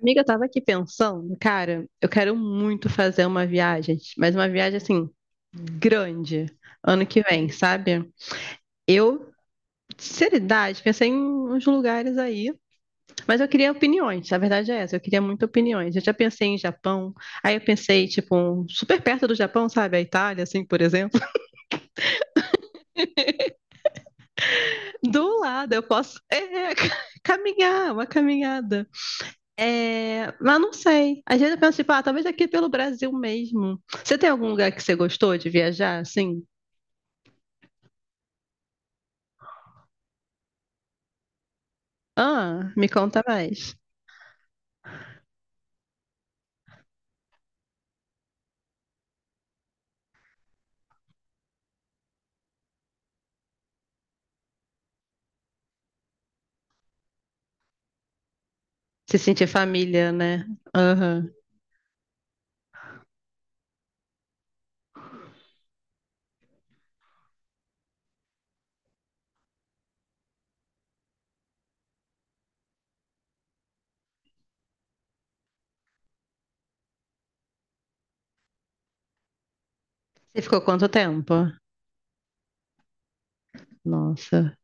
Amiga, eu tava aqui pensando, cara, eu quero muito fazer uma viagem, mas uma viagem assim, grande, ano que vem, sabe? Eu, sinceridade, pensei em uns lugares aí, mas eu queria opiniões, a verdade é essa, eu queria muito opiniões. Eu já pensei em Japão, aí eu pensei, tipo, super perto do Japão, sabe? A Itália, assim, por exemplo. Do lado, eu posso, é, caminhar, uma caminhada. É, mas não sei. Às vezes eu penso, tipo, ah, talvez aqui é pelo Brasil mesmo. Você tem algum lugar que você gostou de viajar, assim? Ah, me conta mais. Se sentir família, né? Aham. Você ficou quanto tempo? Nossa.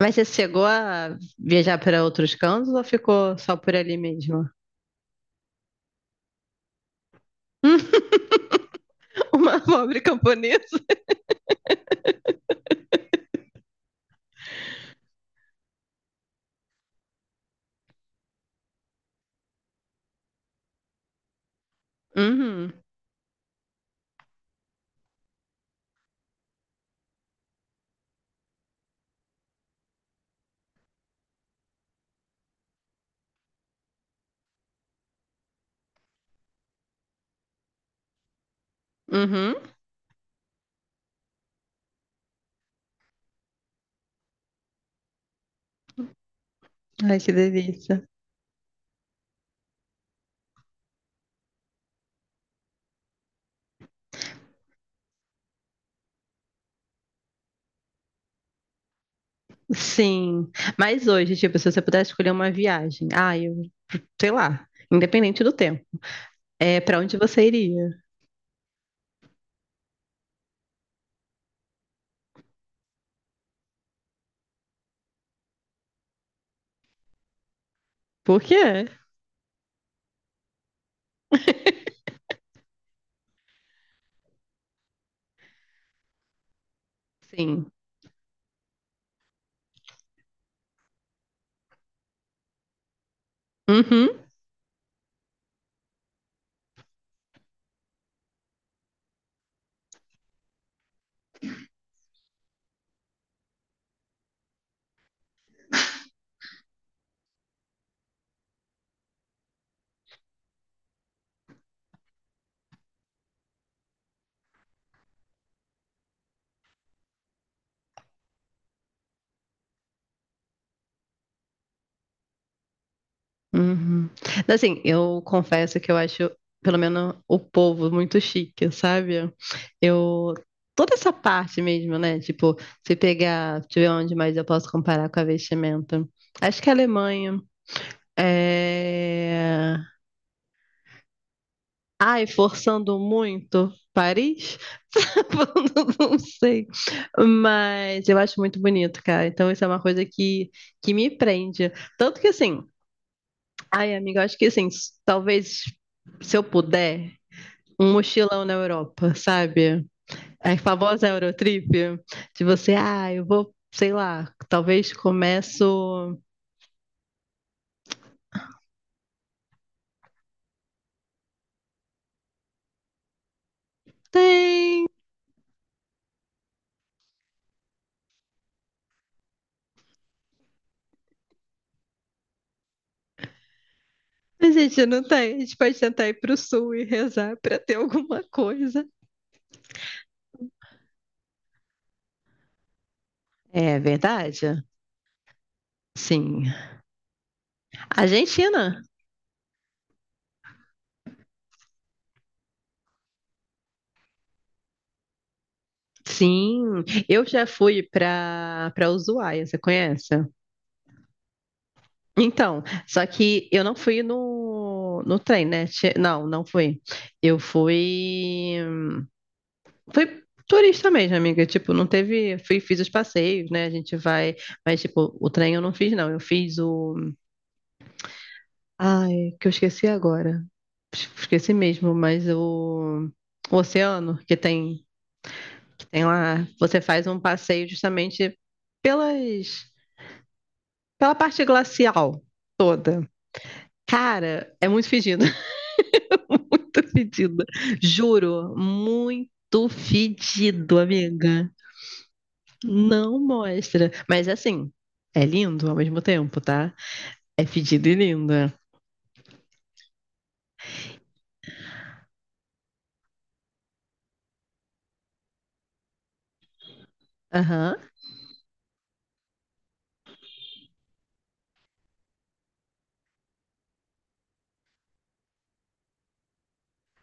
Mas você chegou a viajar para outros cantos ou ficou só por ali mesmo? Uma pobre camponesa. Uhum, uhum. Ai, que delícia. Sim. Mas hoje, tipo, se você pudesse escolher uma viagem, ah, eu sei lá, independente do tempo. É, pra onde você iria? Por quê? Sim. Uhum, uhum. Assim, eu confesso que eu acho, pelo menos, o povo muito chique, sabe? Eu. Toda essa parte mesmo, né? Tipo, se pegar, deixa eu ver onde mais eu posso comparar com a vestimenta. Acho que a Alemanha. É... Ai, forçando muito Paris? Não, sei. Mas eu acho muito bonito, cara. Então, isso é uma coisa que me prende. Tanto que, assim, ai, amiga, eu acho que, assim, talvez, se eu puder, um mochilão na Europa, sabe? É a famosa Eurotrip, de você, ah, eu vou, sei lá, talvez começo. Tem, a gente não tem. A gente pode tentar ir pro sul e rezar pra ter alguma coisa. É verdade. Sim. Argentina. Sim, eu já fui para Ushuaia, você conhece? Então, só que eu não fui no trem, né? Não, não fui. Eu fui fui turista mesmo, amiga, tipo, não teve, fui fiz os passeios, né? A gente vai, mas tipo, o trem eu não fiz não, eu fiz o ai, que eu esqueci agora. Esqueci mesmo, mas o oceano que tem. Tem lá, você faz um passeio justamente pelas, pela parte glacial toda. Cara, é muito fedido, muito fedido. Juro, muito fedido, amiga. Não mostra. Mas assim, é lindo ao mesmo tempo, tá? É fedido e lindo. Aham.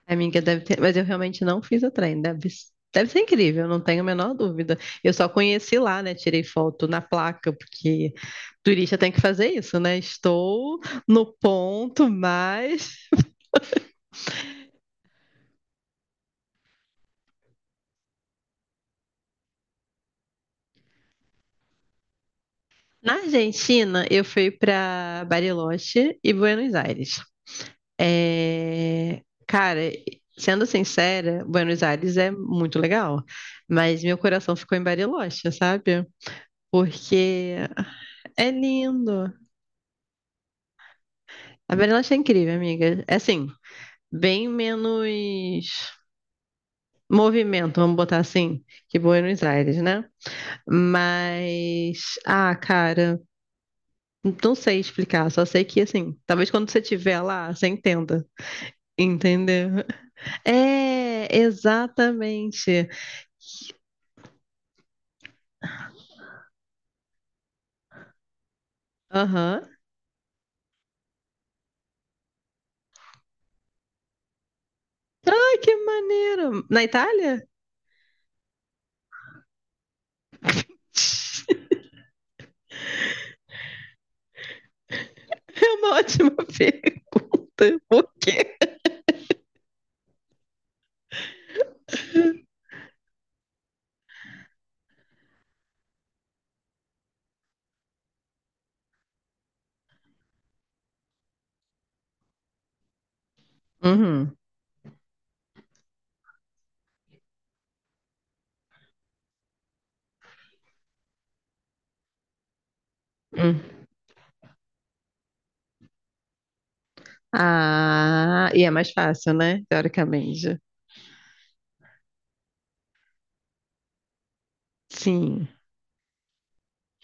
Amiga, deve ter, mas eu realmente não fiz o trem, deve, deve ser incrível, não tenho a menor dúvida. Eu só conheci lá, né? Tirei foto na placa, porque turista tem que fazer isso, né? Estou no ponto, mas. Na Argentina, eu fui para Bariloche e Buenos Aires. É, cara, sendo sincera, Buenos Aires é muito legal, mas meu coração ficou em Bariloche, sabe? Porque é lindo, a Berlanche é incrível, amiga. É assim, bem menos movimento, vamos botar assim, que Buenos Aires, né? Mas, ah, cara, não sei explicar, só sei que assim, talvez quando você estiver lá, você entenda. Entendeu? É, exatamente. Aham. Ai, que maneiro! Na Itália? É uma ótima pergunta. Por quê? Uhum, uhum. Ah, e é mais fácil, né? Teoricamente. Sim.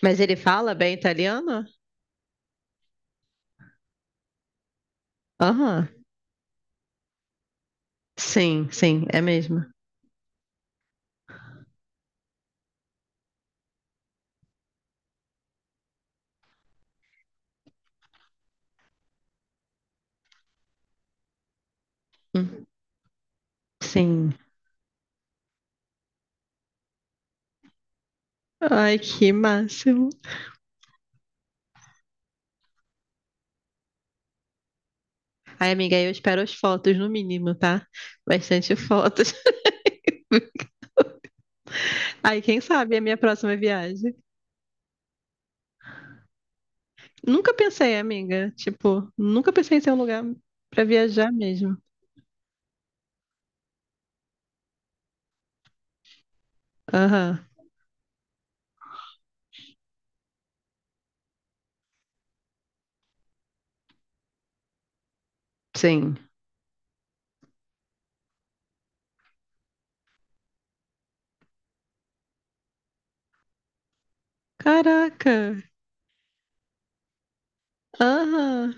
Mas ele fala bem italiano? Aham. Sim, sim, é mesmo. Hum, Sim. Ai, que máximo. Ai, amiga, eu espero as fotos no mínimo, tá? Bastante fotos. Ai, quem sabe a minha próxima viagem. Nunca pensei, amiga. Tipo, nunca pensei em ser um lugar pra viajar mesmo. Aham. Sim. Caraca. Aham.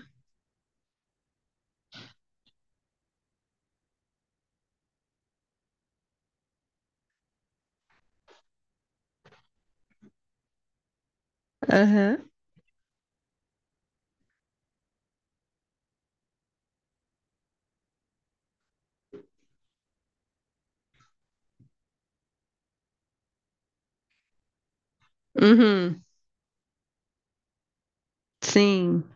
Aham. Uhum. Sim.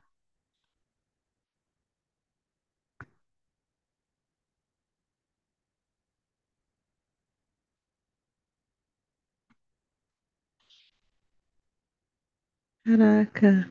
Caraca.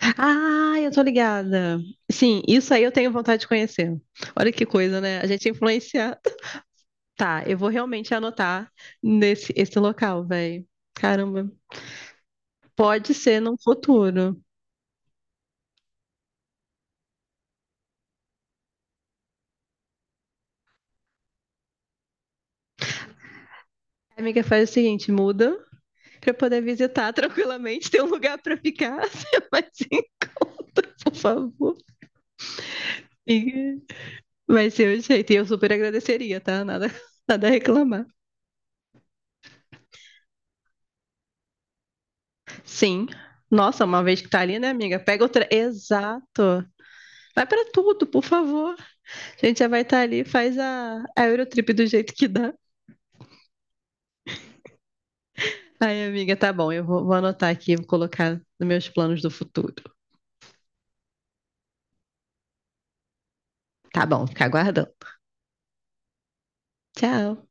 Ah, eu tô ligada. Sim, isso aí eu tenho vontade de conhecer. Olha que coisa, né? A gente é influenciado. Tá, eu vou realmente anotar nesse esse local, velho. Caramba. Pode ser num futuro. Amiga, faz o seguinte, muda pra eu poder visitar tranquilamente, ter um lugar pra ficar. Você vai se encontra, por favor. Amiga, vai ser o jeito. E eu super agradeceria, tá? Nada, nada a reclamar. Sim. Nossa, uma vez que tá ali, né, amiga? Pega outra. Exato. Vai pra tudo, por favor. A gente já vai estar ali, faz a Eurotrip do jeito que dá. Aí, amiga, tá bom. Eu vou, vou anotar aqui, vou colocar nos meus planos do futuro. Tá bom, fica aguardando. Tchau.